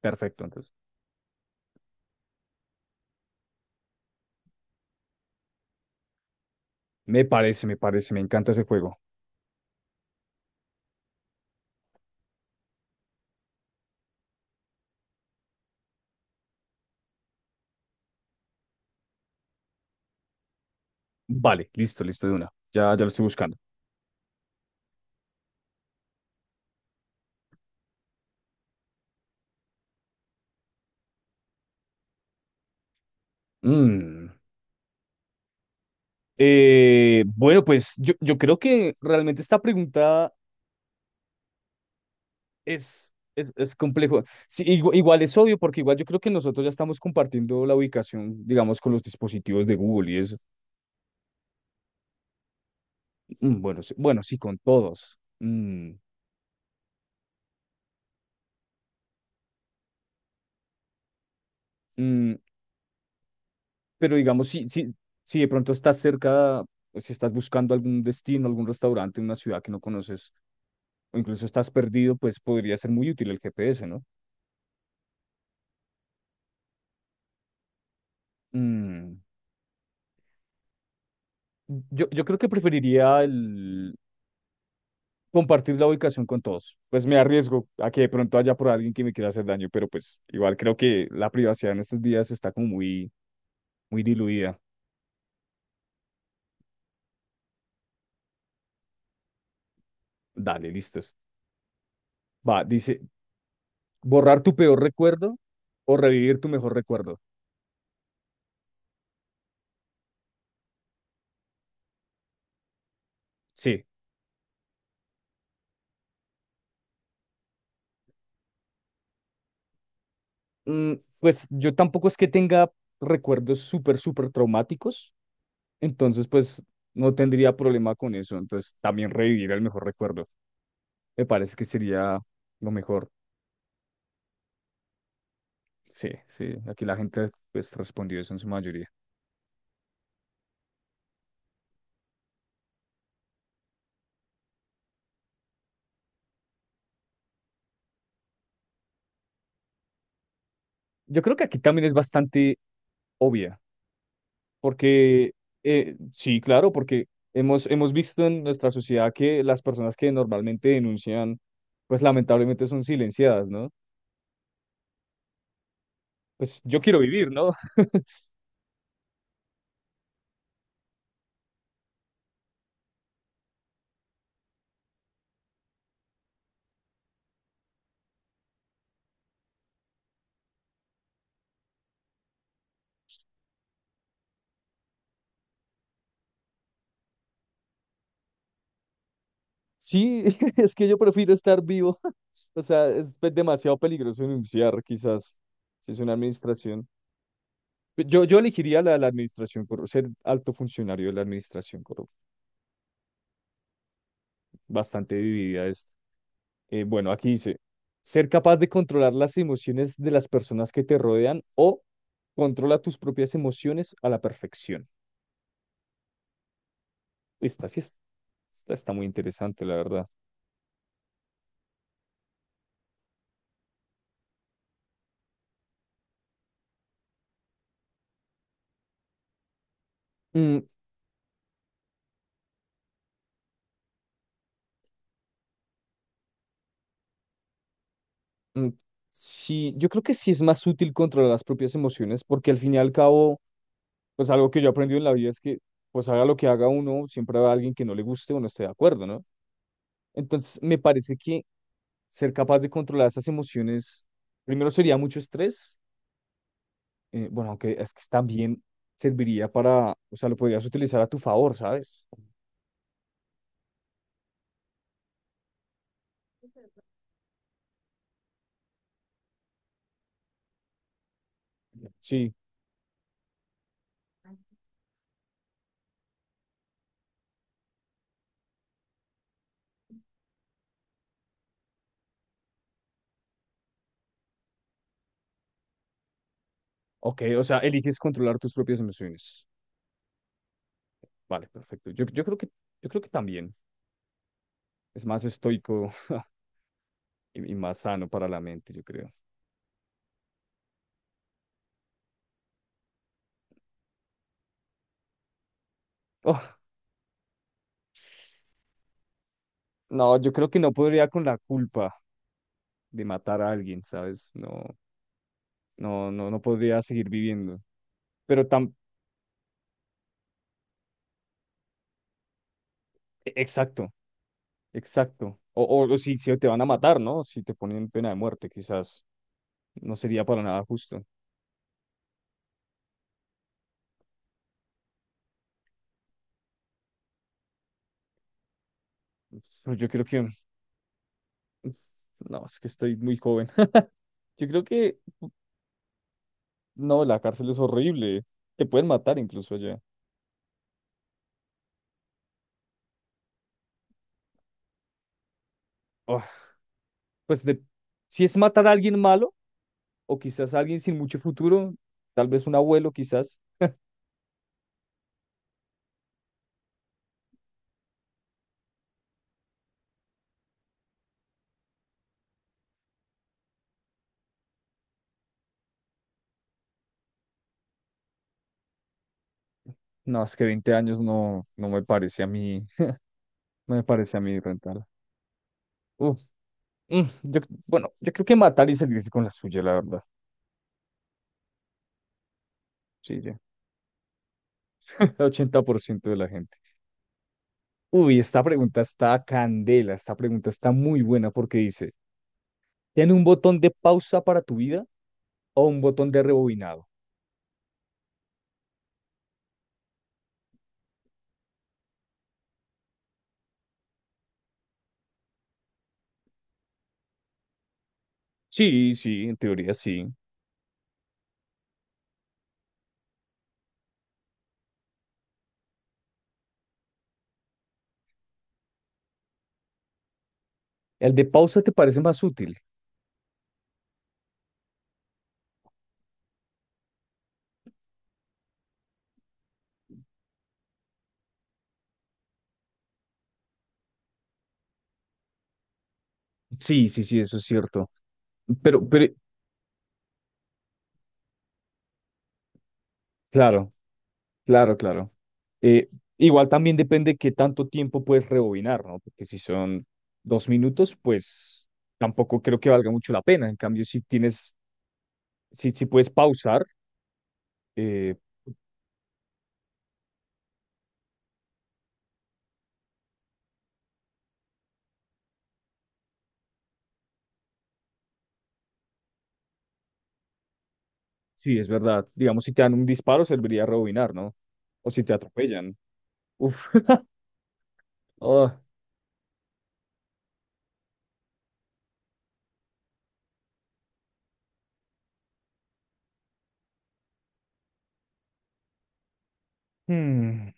Perfecto, entonces. Me parece, me encanta ese juego. Vale, listo, listo de una. Ya, ya lo estoy buscando. Mm. Bueno, pues yo creo que realmente esta pregunta es complejo. Sí, igual, es obvio, porque igual yo creo que nosotros ya estamos compartiendo la ubicación, digamos, con los dispositivos de Google y es, bueno, sí, con todos. Mm, pero digamos, si de pronto estás cerca, o si estás buscando algún destino, algún restaurante en una ciudad que no conoces, o incluso estás perdido, pues podría ser muy útil el GPS, ¿no? Mm, yo creo que preferiría el compartir la ubicación con todos. Pues me arriesgo a que de pronto haya por alguien que me quiera hacer daño, pero pues igual creo que la privacidad en estos días está como muy, muy diluida. Dale, listos. Va, dice, borrar tu peor recuerdo o revivir tu mejor recuerdo. Sí. Mm, pues yo tampoco es que tenga recuerdos súper, súper traumáticos. Entonces, pues no tendría problema con eso. Entonces, también revivir el mejor recuerdo. Me parece que sería lo mejor. Sí, sí. Aquí la gente pues respondió eso en su mayoría. Yo creo que aquí también es bastante obvia, porque sí, claro, porque hemos visto en nuestra sociedad que las personas que normalmente denuncian, pues lamentablemente son silenciadas, ¿no? Pues yo quiero vivir, ¿no? Sí, es que yo prefiero estar vivo. O sea, es demasiado peligroso denunciar, quizás, si es una administración. Yo elegiría la de la administración corrupta, ser alto funcionario de la administración corrupta. Bastante dividida es. Bueno, aquí dice, ser capaz de controlar las emociones de las personas que te rodean o controla tus propias emociones a la perfección. Esta sí es, esta está muy interesante, la verdad. Mm, mm, sí, yo creo que sí es más útil controlar las propias emociones porque al fin y al cabo pues algo que yo he aprendido en la vida es que, pues haga lo que haga uno, siempre va a alguien que no le guste o no esté de acuerdo, ¿no? Entonces, me parece que ser capaz de controlar esas emociones, primero sería mucho estrés, bueno, aunque es que también serviría para, o sea, lo podrías utilizar a tu favor, ¿sabes? Sí, ok, o sea, eliges controlar tus propias emociones. Vale, perfecto. Yo creo que también es más estoico y más sano para la mente, yo creo. Oh, no, yo creo que no podría con la culpa de matar a alguien, ¿sabes? No, no, no, no podría seguir viviendo. Pero tan, exacto, exacto. O si te van a matar, ¿no? Si te ponen pena de muerte, quizás no sería para nada justo. Pero Yo creo que, no, es que estoy muy joven. Yo creo que, no, la cárcel es horrible. Te pueden matar incluso allá. Ah, pues de, si es matar a alguien malo, o quizás a alguien sin mucho futuro, tal vez un abuelo, quizás. No, es que 20 años no, no me parece a mí, no me parece a mí rentar. Uf, mm, yo, bueno, yo creo que matar y salirse con la suya, la verdad. Sí, ya. 80% de la gente. Uy, esta pregunta está candela, esta pregunta está muy buena porque dice, ¿tiene un botón de pausa para tu vida o un botón de rebobinado? Sí, sí, en teoría sí. ¿El de pausa te parece más útil? Sí, sí, sí, eso es cierto. Pero, pero, Claro, claro, claro. Eh, Igual también depende qué tanto tiempo puedes rebobinar, ¿no? Porque si son 2 minutos, pues tampoco creo que valga mucho la pena. En cambio, si tienes, si, si puedes pausar, eh, sí, es verdad. Digamos, si te dan un disparo, serviría rebobinar, ¿no? O si te atropellan. Uf. Oh. Hmm.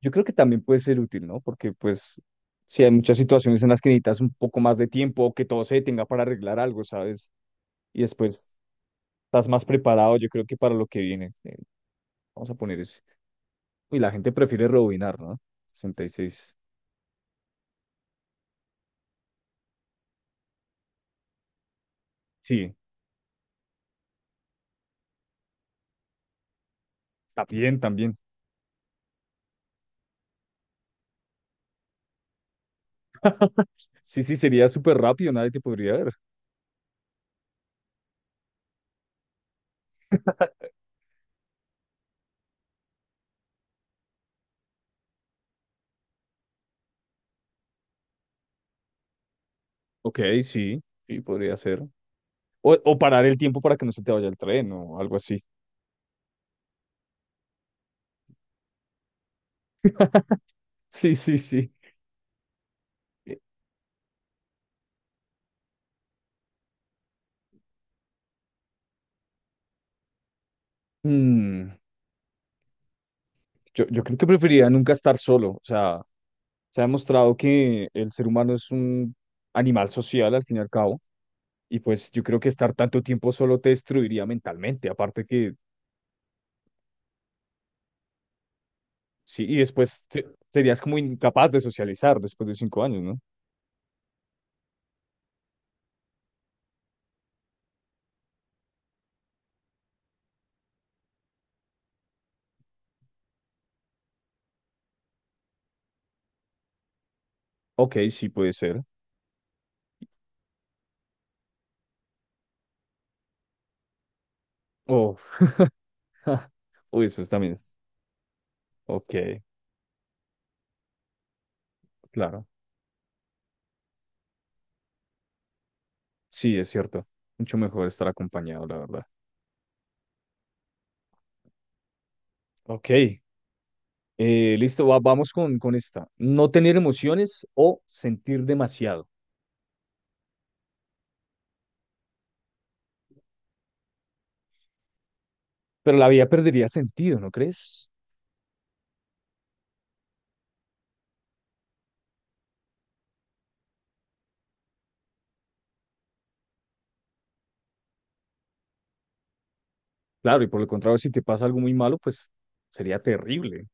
Yo creo que también puede ser útil, ¿no? Porque pues si hay muchas situaciones en las que necesitas un poco más de tiempo o que todo se detenga para arreglar algo, ¿sabes? Y después estás más preparado, yo creo que para lo que viene. Vamos a poner ese. Y la gente prefiere rebobinar, ¿no? 66. Sí, también, también. Sí, sí, sería súper rápido, nadie te podría ver. Ok, sí, sí, podría ser. O parar el tiempo para que no se te vaya el tren o algo así. Sí, sí, sí. Eh, mm, yo creo que preferiría nunca estar solo. O sea, se ha demostrado que el ser humano es un animal social al fin y al cabo. Y pues yo creo que estar tanto tiempo solo te destruiría mentalmente. Aparte que. Sí, y después serías como incapaz de socializar después de 5 años, ¿no? Ok, sí puede ser. Oh, uy, eso es también es. Ok, claro. Sí, es cierto. Mucho mejor estar acompañado, la verdad. Ok, listo, vamos con esta. No tener emociones o sentir demasiado. Pero la vida perdería sentido, ¿no crees? Claro, y por el contrario, si te pasa algo muy malo, pues sería terrible.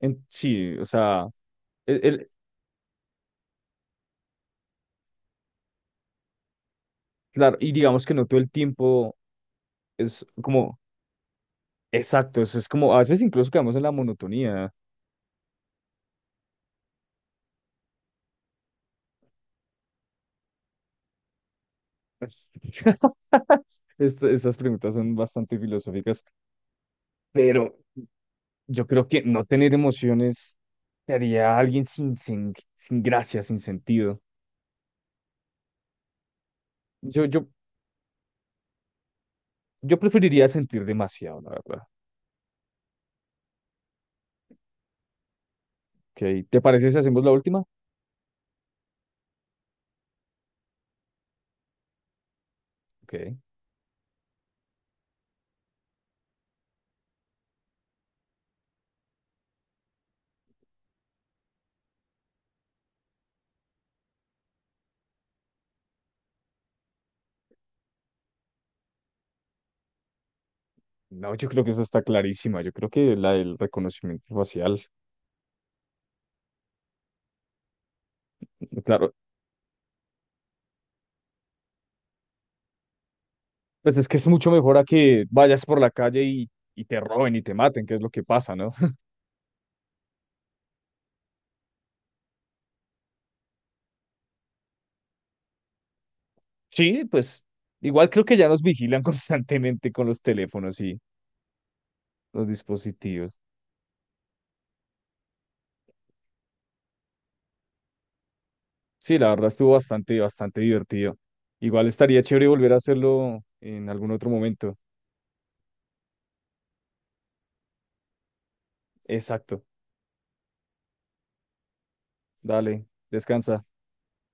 Sí, o sea, el, el- claro, y digamos que no todo el tiempo es como. Exacto, eso es como, a veces incluso quedamos en la monotonía. Estas preguntas son bastante filosóficas, pero yo creo que no tener emociones te haría a alguien sin gracia, sin sentido. Yo, yo, yo preferiría sentir demasiado, la verdad. Okay. ¿Te parece si hacemos la última? Okay. No, yo creo que esta está clarísima. Yo creo que la del reconocimiento facial, claro, pues es que es mucho mejor a que vayas por la calle y te roben y te maten, que es lo que pasa, ¿no? Sí, pues igual creo que ya nos vigilan constantemente con los teléfonos y los dispositivos. Sí, la verdad estuvo bastante, bastante divertido. Igual estaría chévere volver a hacerlo en algún otro momento. Exacto. Dale, descansa.